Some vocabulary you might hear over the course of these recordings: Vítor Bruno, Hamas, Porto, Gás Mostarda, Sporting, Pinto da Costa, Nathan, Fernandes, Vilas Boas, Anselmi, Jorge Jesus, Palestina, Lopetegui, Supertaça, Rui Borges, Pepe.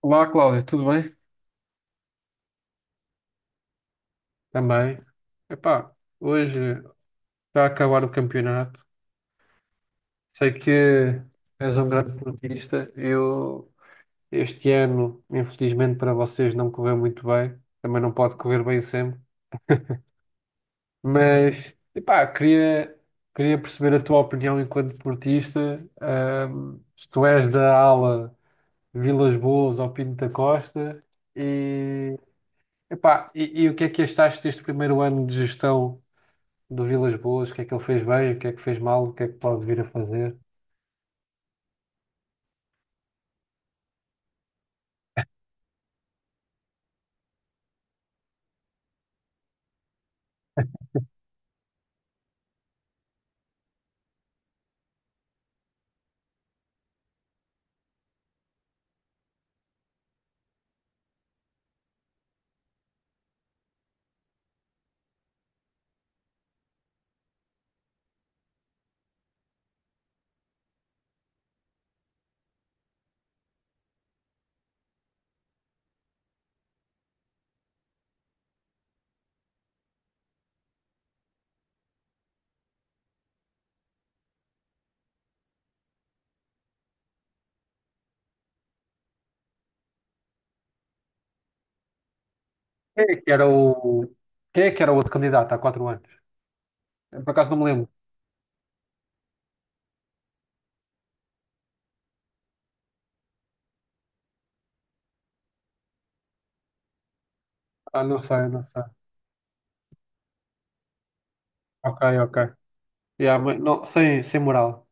Olá, Cláudio, tudo bem? Também. Epá, hoje está a acabar o campeonato. Sei que és um grande portista. Eu, este ano, infelizmente para vocês, não correu muito bem. Também não pode correr bem sempre. Mas, epá, queria perceber a tua opinião enquanto portista. Se tu és da ala Vilas Boas ou Pinto da Costa. E, epá, e o que é que achaste deste primeiro ano de gestão? Do Vilas Boas, o que é que ele fez bem, o que é que fez mal, o que é que pode vir a fazer. Quem é que era o, Quem é que era o outro candidato há 4 anos? Eu, por acaso não me lembro. Ah, não sei, não sei. Ok, ok. Yeah, mas não, sem moral.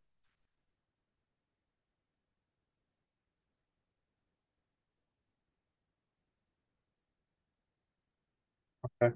Ok.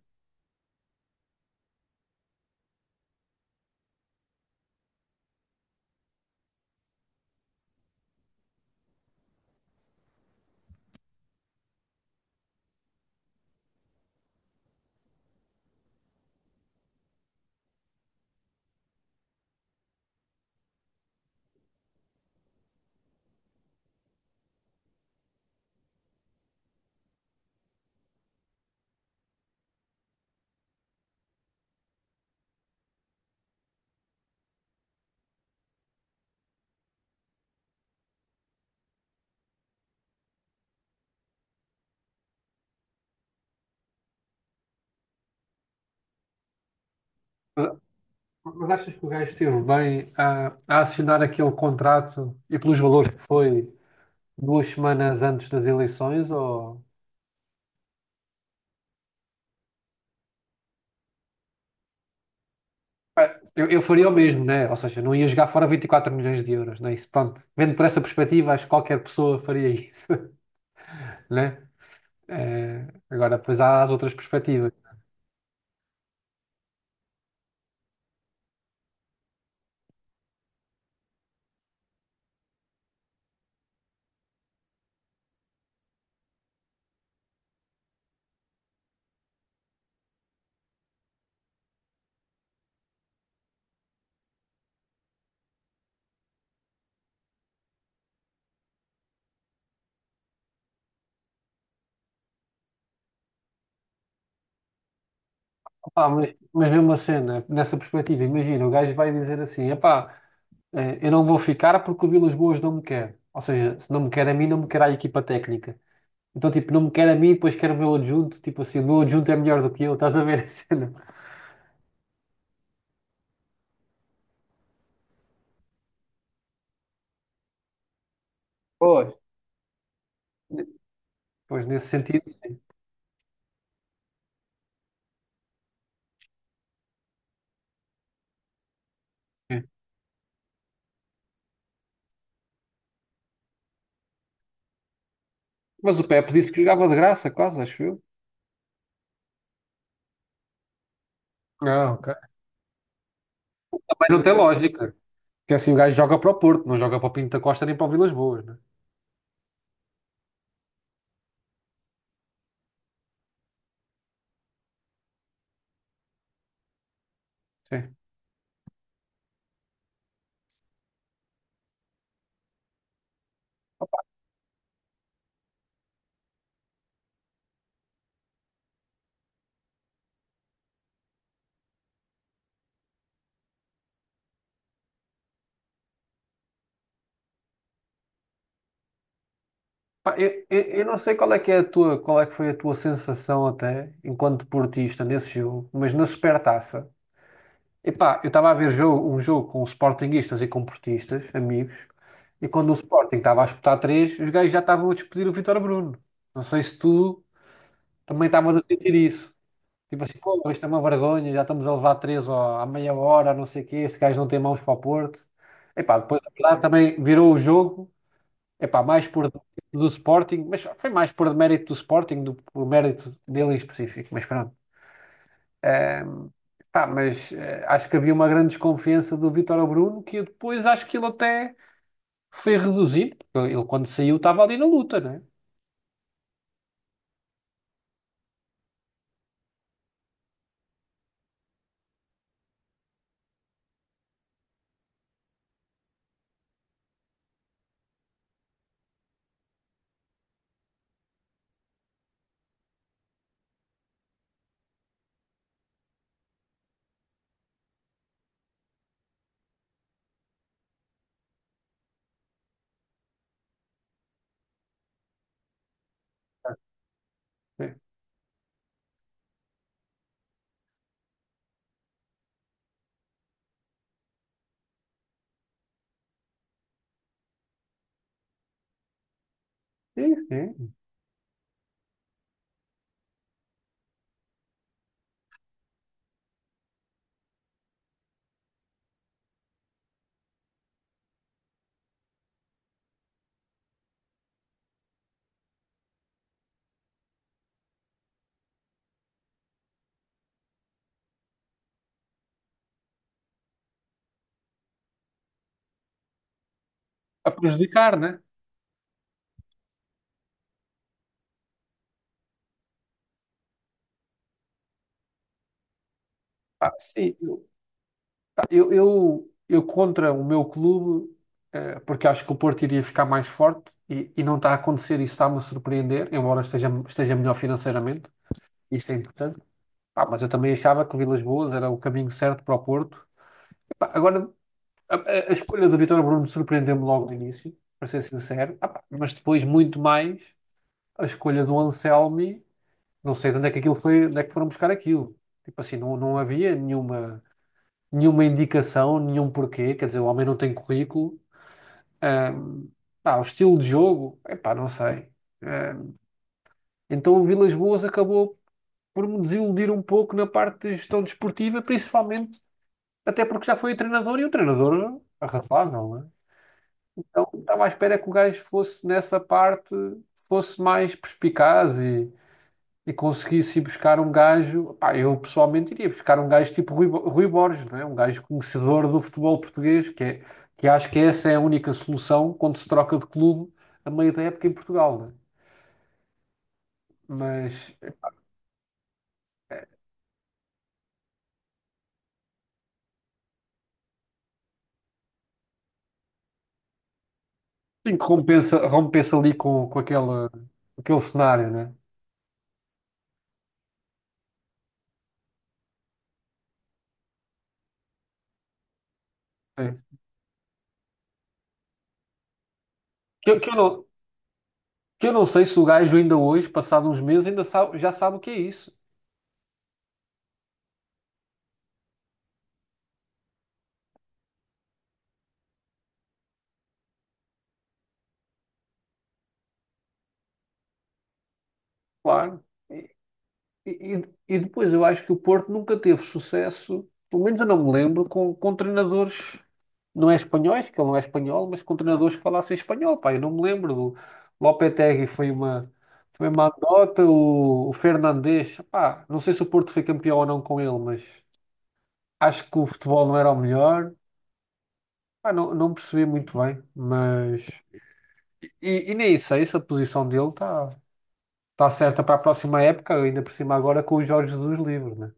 Mas mas achas que o gajo esteve bem a assinar aquele contrato e pelos valores que foi 2 semanas antes das eleições? Ou. Pá, eu faria o mesmo, né? Ou seja, não ia jogar fora 24 milhões de euros, né? Isso, pronto. Vendo por essa perspectiva, acho que qualquer pessoa faria isso, né? É, agora, depois há as outras perspectivas. Opá, mas mesmo assim, né, nessa perspectiva, imagina, o gajo vai dizer assim: epá, eu não vou ficar porque o Vilas Boas não me quer. Ou seja, se não me quer a mim, não me quer a equipa técnica. Então, tipo, não me quer a mim, depois quer o meu adjunto. Tipo assim, o meu adjunto é melhor do que eu, estás a ver a cena? Pois. Pois, nesse sentido. É. Mas o Pepe disse que jogava de graça, quase, acho eu. Ah, ok. Também não tem lógica. Porque assim, o gajo joga para o Porto, não joga para o Pinto da Costa nem para o Vilas Boas, né? Sim. Pá, eu não sei qual é que é a tua, qual é que foi a tua sensação até enquanto portista nesse jogo, mas na Supertaça. Epá, eu estava a ver um jogo com sportinguistas e com portistas, amigos, e quando o Sporting estava a espetar três, os gajos já estavam a despedir o Vítor Bruno. Não sei se tu também estavas a sentir isso. Tipo assim, pô, isto é uma vergonha, já estamos a levar três ó, à meia hora, não sei o quê, este gajo não tem mãos para o Porto. Epá, depois a verdade também virou o jogo. Epá, mais por do Sporting, mas foi mais por mérito do Sporting do que por mérito dele em específico, mas pronto. Ahm, pá, mas acho que havia uma grande desconfiança do Vítor ao Bruno, que eu depois acho que ele até foi reduzido, porque ele quando saiu estava ali na luta, né? Sim, sim. A prejudicar, né? Pá, sim, pá, eu contra o meu clube, porque acho que o Porto iria ficar mais forte e não está a acontecer, isso está-me a surpreender, embora esteja melhor financeiramente, isso é importante. Ah, mas eu também achava que o Vilas Boas era o caminho certo para o Porto. Epá, agora, a escolha do Vítor Bruno surpreendeu-me logo no início, para ser sincero. Ah, pá, mas depois, muito mais, a escolha do Anselmi, não sei de onde é que aquilo foi, onde é que foram buscar aquilo. Tipo assim, não, não havia nenhuma indicação, nenhum porquê. Quer dizer, o homem não tem currículo. Ahm, Pá, o estilo de jogo, epá, não sei. Ah, então o Vilas Boas acabou por me desiludir um pouco na parte de gestão desportiva, principalmente. Até porque já foi o treinador e o treinador arrasável, não é? Então estava à espera que o gajo fosse nessa parte, fosse mais perspicaz e conseguisse ir buscar um gajo. Pá, eu pessoalmente iria buscar um gajo tipo Rui Borges, não é? Um gajo conhecedor do futebol português, que, é, que acho que essa é a única solução quando se troca de clube a meio da época em Portugal, não é? Mas sim, que rompensa ali com aquele cenário, né? Sim. Que eu não. Que eu não sei se o gajo ainda hoje, passado uns meses, ainda já sabe o que é isso. Claro. E, e depois eu acho que o Porto nunca teve sucesso, pelo menos eu não me lembro, com treinadores, não é espanhóis, que ele não é espanhol, mas com treinadores que falassem espanhol. Pá, eu não me lembro. O Lopetegui foi uma anedota, o Fernandes, pá, não sei se o Porto foi campeão ou não com ele, mas acho que o futebol não era o melhor. Pá, não, não percebi muito bem, mas. E nem sei se a posição dele está certa para a próxima época, ainda por cima agora com o Jorge Jesus livre, né?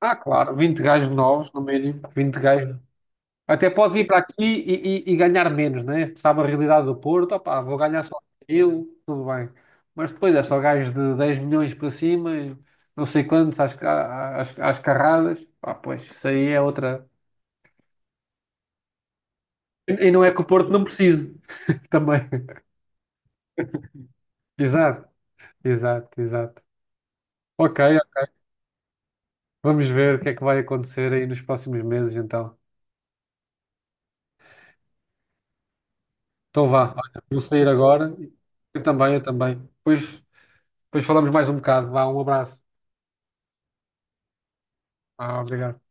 Ah, claro, 20 gajos novos no mínimo, 20 gajos. Até pode vir para aqui e ganhar menos, né? Sabe a realidade do Porto, opá, vou ganhar só aquilo, tudo bem. Mas depois é só gajos de 10 milhões para cima, e não sei quantos, às carradas. Pá, pois, isso aí é outra. E não é que o Porto não precise também. Exato, exato, exato. Ok, vamos ver o que é que vai acontecer aí nos próximos meses, então. Então vá, olha, vou sair agora. Eu também, eu também. depois, falamos mais um bocado. Vá, um abraço. Ah, obrigado.